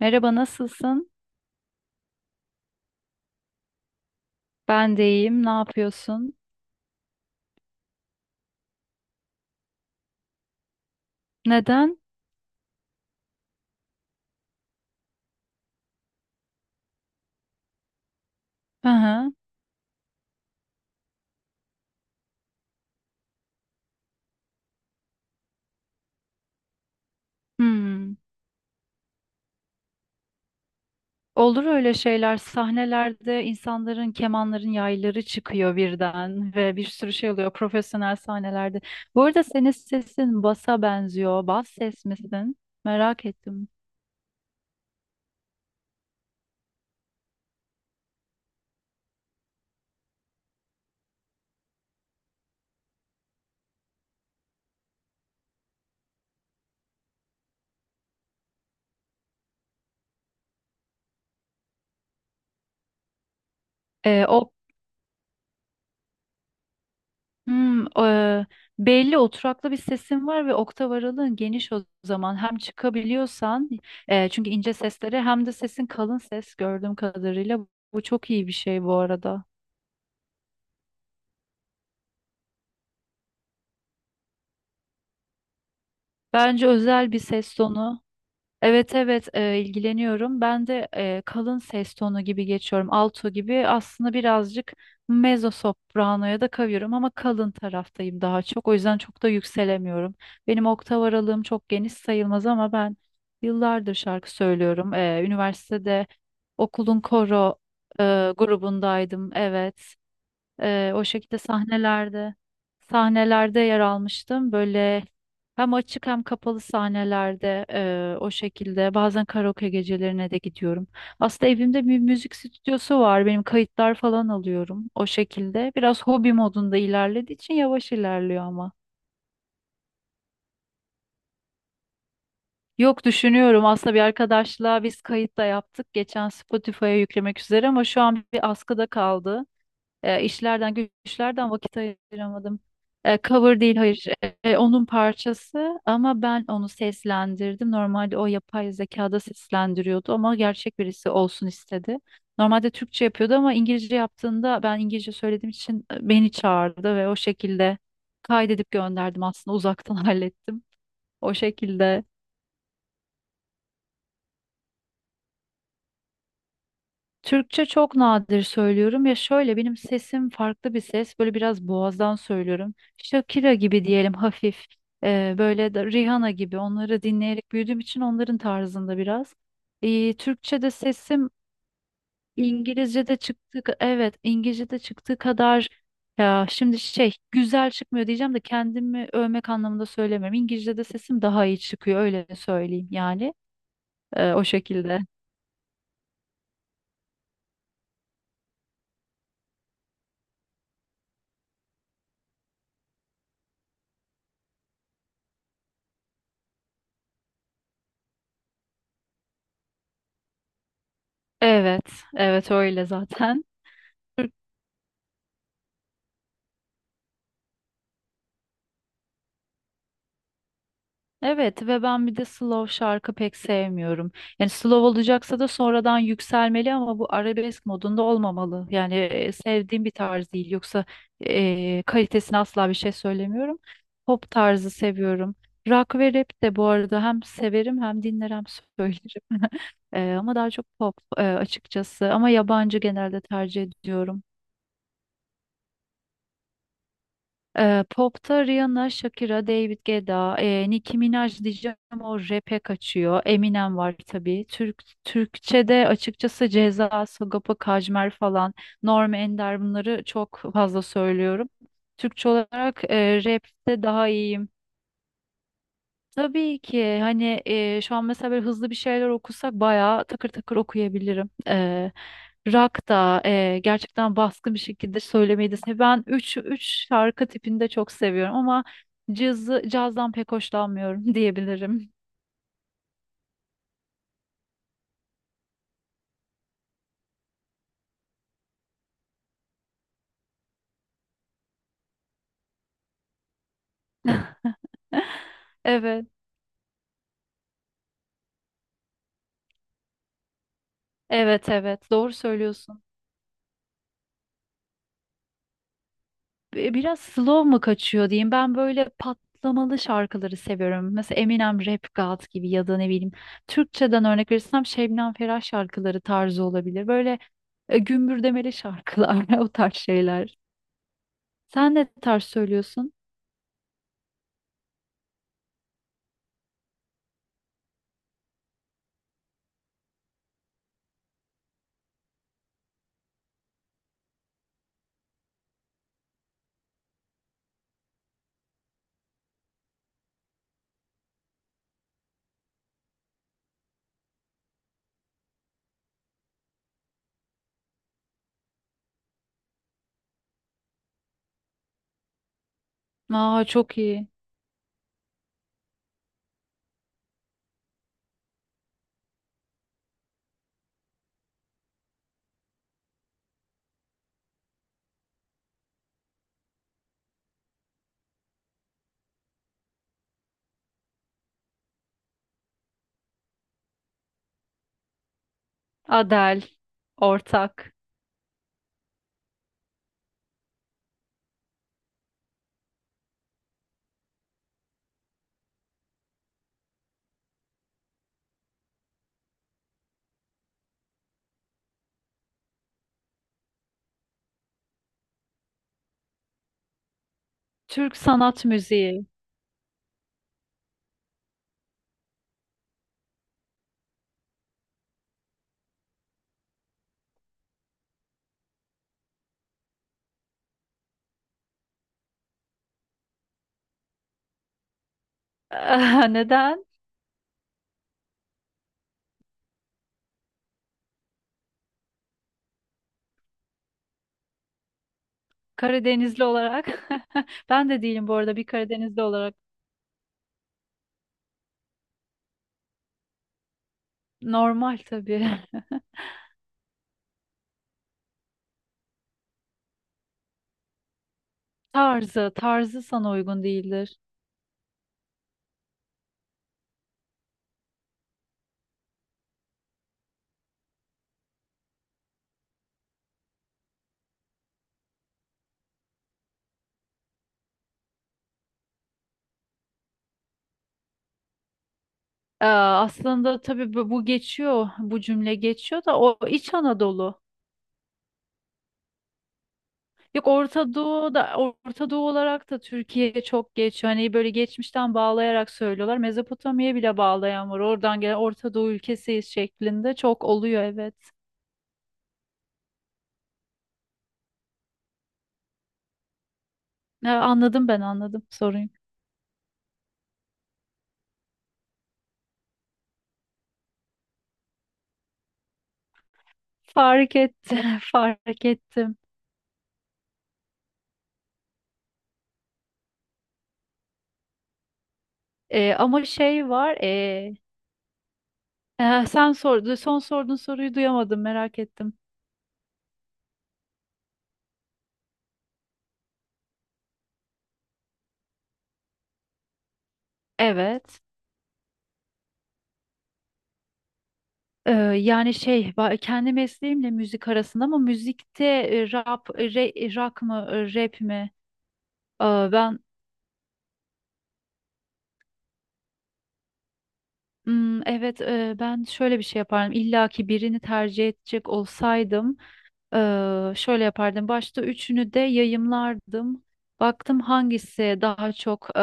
Merhaba, nasılsın? Ben de iyiyim. Ne yapıyorsun? Neden? Hı hı. Hmm. Olur öyle şeyler. Sahnelerde insanların, kemanların yayları çıkıyor birden ve bir sürü şey oluyor profesyonel sahnelerde. Bu arada senin sesin basa benziyor. Bas ses misin? Merak ettim. O Hmm, e, Belli oturaklı bir sesin var ve oktav aralığın geniş o zaman. Hem çıkabiliyorsan çünkü ince sesleri hem de sesin kalın ses gördüğüm kadarıyla bu çok iyi bir şey bu arada. Bence özel bir ses tonu. Evet, evet, ilgileniyorum. Ben de kalın ses tonu gibi geçiyorum. Alto gibi aslında birazcık mezzo sopranoya da kavuyorum ama kalın taraftayım daha çok. O yüzden çok da yükselemiyorum. Benim oktav aralığım çok geniş sayılmaz ama ben yıllardır şarkı söylüyorum. E, üniversitede okulun koro e, grubundaydım. Evet. O şekilde sahnelerde yer almıştım. Böyle hem açık hem kapalı sahnelerde o şekilde bazen karaoke gecelerine de gidiyorum. Aslında evimde bir müzik stüdyosu var. Benim kayıtlar falan alıyorum o şekilde. Biraz hobi modunda ilerlediği için yavaş ilerliyor ama. Yok düşünüyorum aslında bir arkadaşla biz kayıt da yaptık. Geçen Spotify'a yüklemek üzere ama şu an bir askıda kaldı. E, işlerden güçlerden vakit ayıramadım. E, cover değil hayır. E, onun parçası ama ben onu seslendirdim. Normalde o yapay zekada seslendiriyordu ama gerçek birisi olsun istedi. Normalde Türkçe yapıyordu ama İngilizce yaptığında ben İngilizce söylediğim için beni çağırdı ve o şekilde kaydedip gönderdim aslında uzaktan hallettim. O şekilde Türkçe çok nadir söylüyorum ya şöyle benim sesim farklı bir ses böyle biraz boğazdan söylüyorum. Shakira gibi diyelim hafif böyle de Rihanna gibi onları dinleyerek büyüdüğüm için onların tarzında biraz. E, Türkçe'de sesim İngilizce'de çıktı, evet, İngilizce'de çıktığı kadar ya şimdi şey güzel çıkmıyor diyeceğim de kendimi övmek anlamında söylemiyorum. İngilizce'de sesim daha iyi çıkıyor öyle söyleyeyim yani. O şekilde. Evet, evet, öyle zaten. Evet ve ben bir de slow şarkı pek sevmiyorum. Yani slow olacaksa da sonradan yükselmeli ama bu arabesk modunda olmamalı. Yani sevdiğim bir tarz değil. Yoksa kalitesine asla bir şey söylemiyorum. Pop tarzı seviyorum. Rock ve rap de bu arada hem severim hem dinler hem söylerim. E, ama daha çok pop açıkçası. Ama yabancı genelde tercih ediyorum. Pop'ta Rihanna, Shakira, David Guetta, Nicki Minaj diyeceğim o rap'e kaçıyor. Eminem var tabii. Türk, Türkçe'de açıkçası Ceza, Sagopa Kajmer falan, Norm Ender bunları çok fazla söylüyorum. Türkçe olarak rap'te daha iyiyim. Tabii ki hani şu an mesela böyle hızlı bir şeyler okusak bayağı takır takır okuyabilirim. E, rock da gerçekten baskın bir şekilde söylemeyi de sev- Ben üç şarkı tipini de çok seviyorum ama cazdan pek hoşlanmıyorum diyebilirim. Evet. Evet, evet, doğru söylüyorsun. Bi- Biraz slow mu kaçıyor diyeyim. Ben böyle patlamalı şarkıları seviyorum. Mesela Eminem Rap God gibi ya da ne bileyim Türkçeden örnek verirsem Şebnem Ferah şarkıları tarzı olabilir. Böyle gümbürdemeli şarkılar, o tarz şeyler. Sen ne tarz söylüyorsun? Aa, çok iyi. Adele, ortak. Türk sanat müziği. Neden? Karadenizli olarak. Ben de değilim bu arada bir Karadenizli olarak. Normal tabii. Tarzı sana uygun değildir. Aa, aslında tabii bu geçiyor, bu cümle geçiyor da o İç Anadolu. Yok, Orta Doğu da, Orta Doğu olarak da Türkiye çok geçiyor. Hani böyle geçmişten bağlayarak söylüyorlar. Mezopotamya'ya bile bağlayan var. Oradan gelen Orta Doğu ülkesiyiz şeklinde çok oluyor, evet. Ha, anladım, ben anladım soruyu. Fark ettim fark ettim. Ama şey var e, sen sordu son sorduğun soruyu duyamadım, merak ettim. Evet. Ee, Yani şey ba- kendi mesleğimle müzik arasında ama müzikte rap, re- rock mı rap mi? Aa, ben Ben şöyle bir şey yapardım. İlla ki birini tercih edecek olsaydım, e, şöyle yapardım. Başta üçünü de yayımlardım. Baktım hangisi daha çok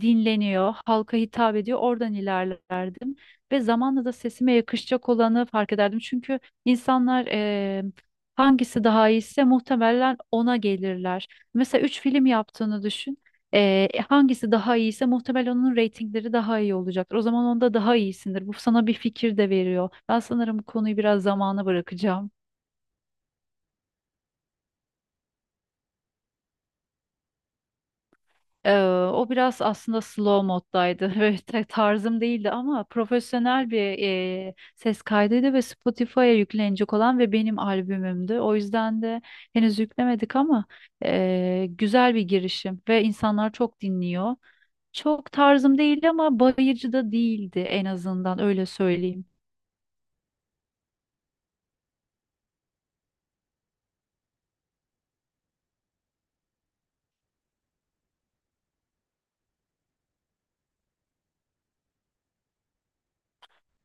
dinleniyor, halka hitap ediyor, oradan ilerlerdim. Ve zamanla da sesime yakışacak olanı fark ederdim. Çünkü insanlar hangisi daha iyiyse muhtemelen ona gelirler. Mesela üç film yaptığını düşün. Hangisi daha iyiyse muhtemelen onun reytingleri daha iyi olacaktır. O zaman onda daha iyisindir. Bu sana bir fikir de veriyor. Ben sanırım bu konuyu biraz zamana bırakacağım. Ee, o biraz aslında slow moddaydı. Böyle ta- tarzım değildi ama profesyonel bir ses kaydıydı ve Spotify'a yüklenecek olan ve benim albümümdü. O yüzden de henüz yüklemedik ama güzel bir girişim ve insanlar çok dinliyor. Çok tarzım değildi ama bayıcı da değildi en azından öyle söyleyeyim.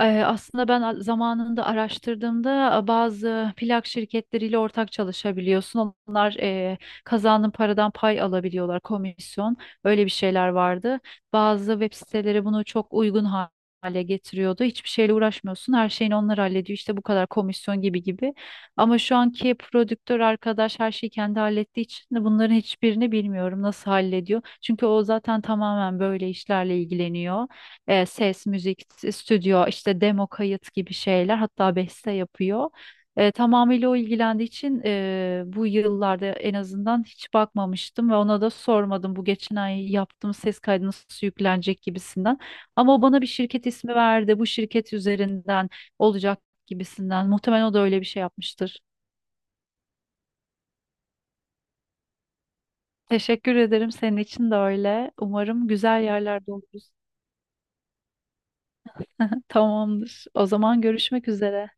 Aslında ben a- zamanında araştırdığımda, bazı plak şirketleriyle ortak çalışabiliyorsun. Onlar kazandığın paradan pay alabiliyorlar, komisyon. Öyle bir şeyler vardı. Bazı web siteleri bunu çok uygun ha- hale getiriyordu. Hiçbir şeyle uğraşmıyorsun. Her şeyini onlar hallediyor. İşte bu kadar komisyon gibi gibi. Ama şu anki prodüktör arkadaş her şeyi kendi hallettiği için de bunların hiçbirini bilmiyorum nasıl hallediyor. Çünkü o zaten tamamen böyle işlerle ilgileniyor. Ses, müzik, s- stüdyo, işte demo kayıt gibi şeyler, hatta beste yapıyor. E, tamamıyla o ilgilendiği için bu yıllarda en azından hiç bakmamıştım ve ona da sormadım bu geçen ay yaptığım ses kaydı nasıl yüklenecek gibisinden. Ama o bana bir şirket ismi verdi. Bu şirket üzerinden olacak gibisinden. Muhtemelen o da öyle bir şey yapmıştır. Teşekkür ederim. Senin için de öyle. Umarım güzel yerlerde oluruz. Tamamdır. O zaman görüşmek üzere.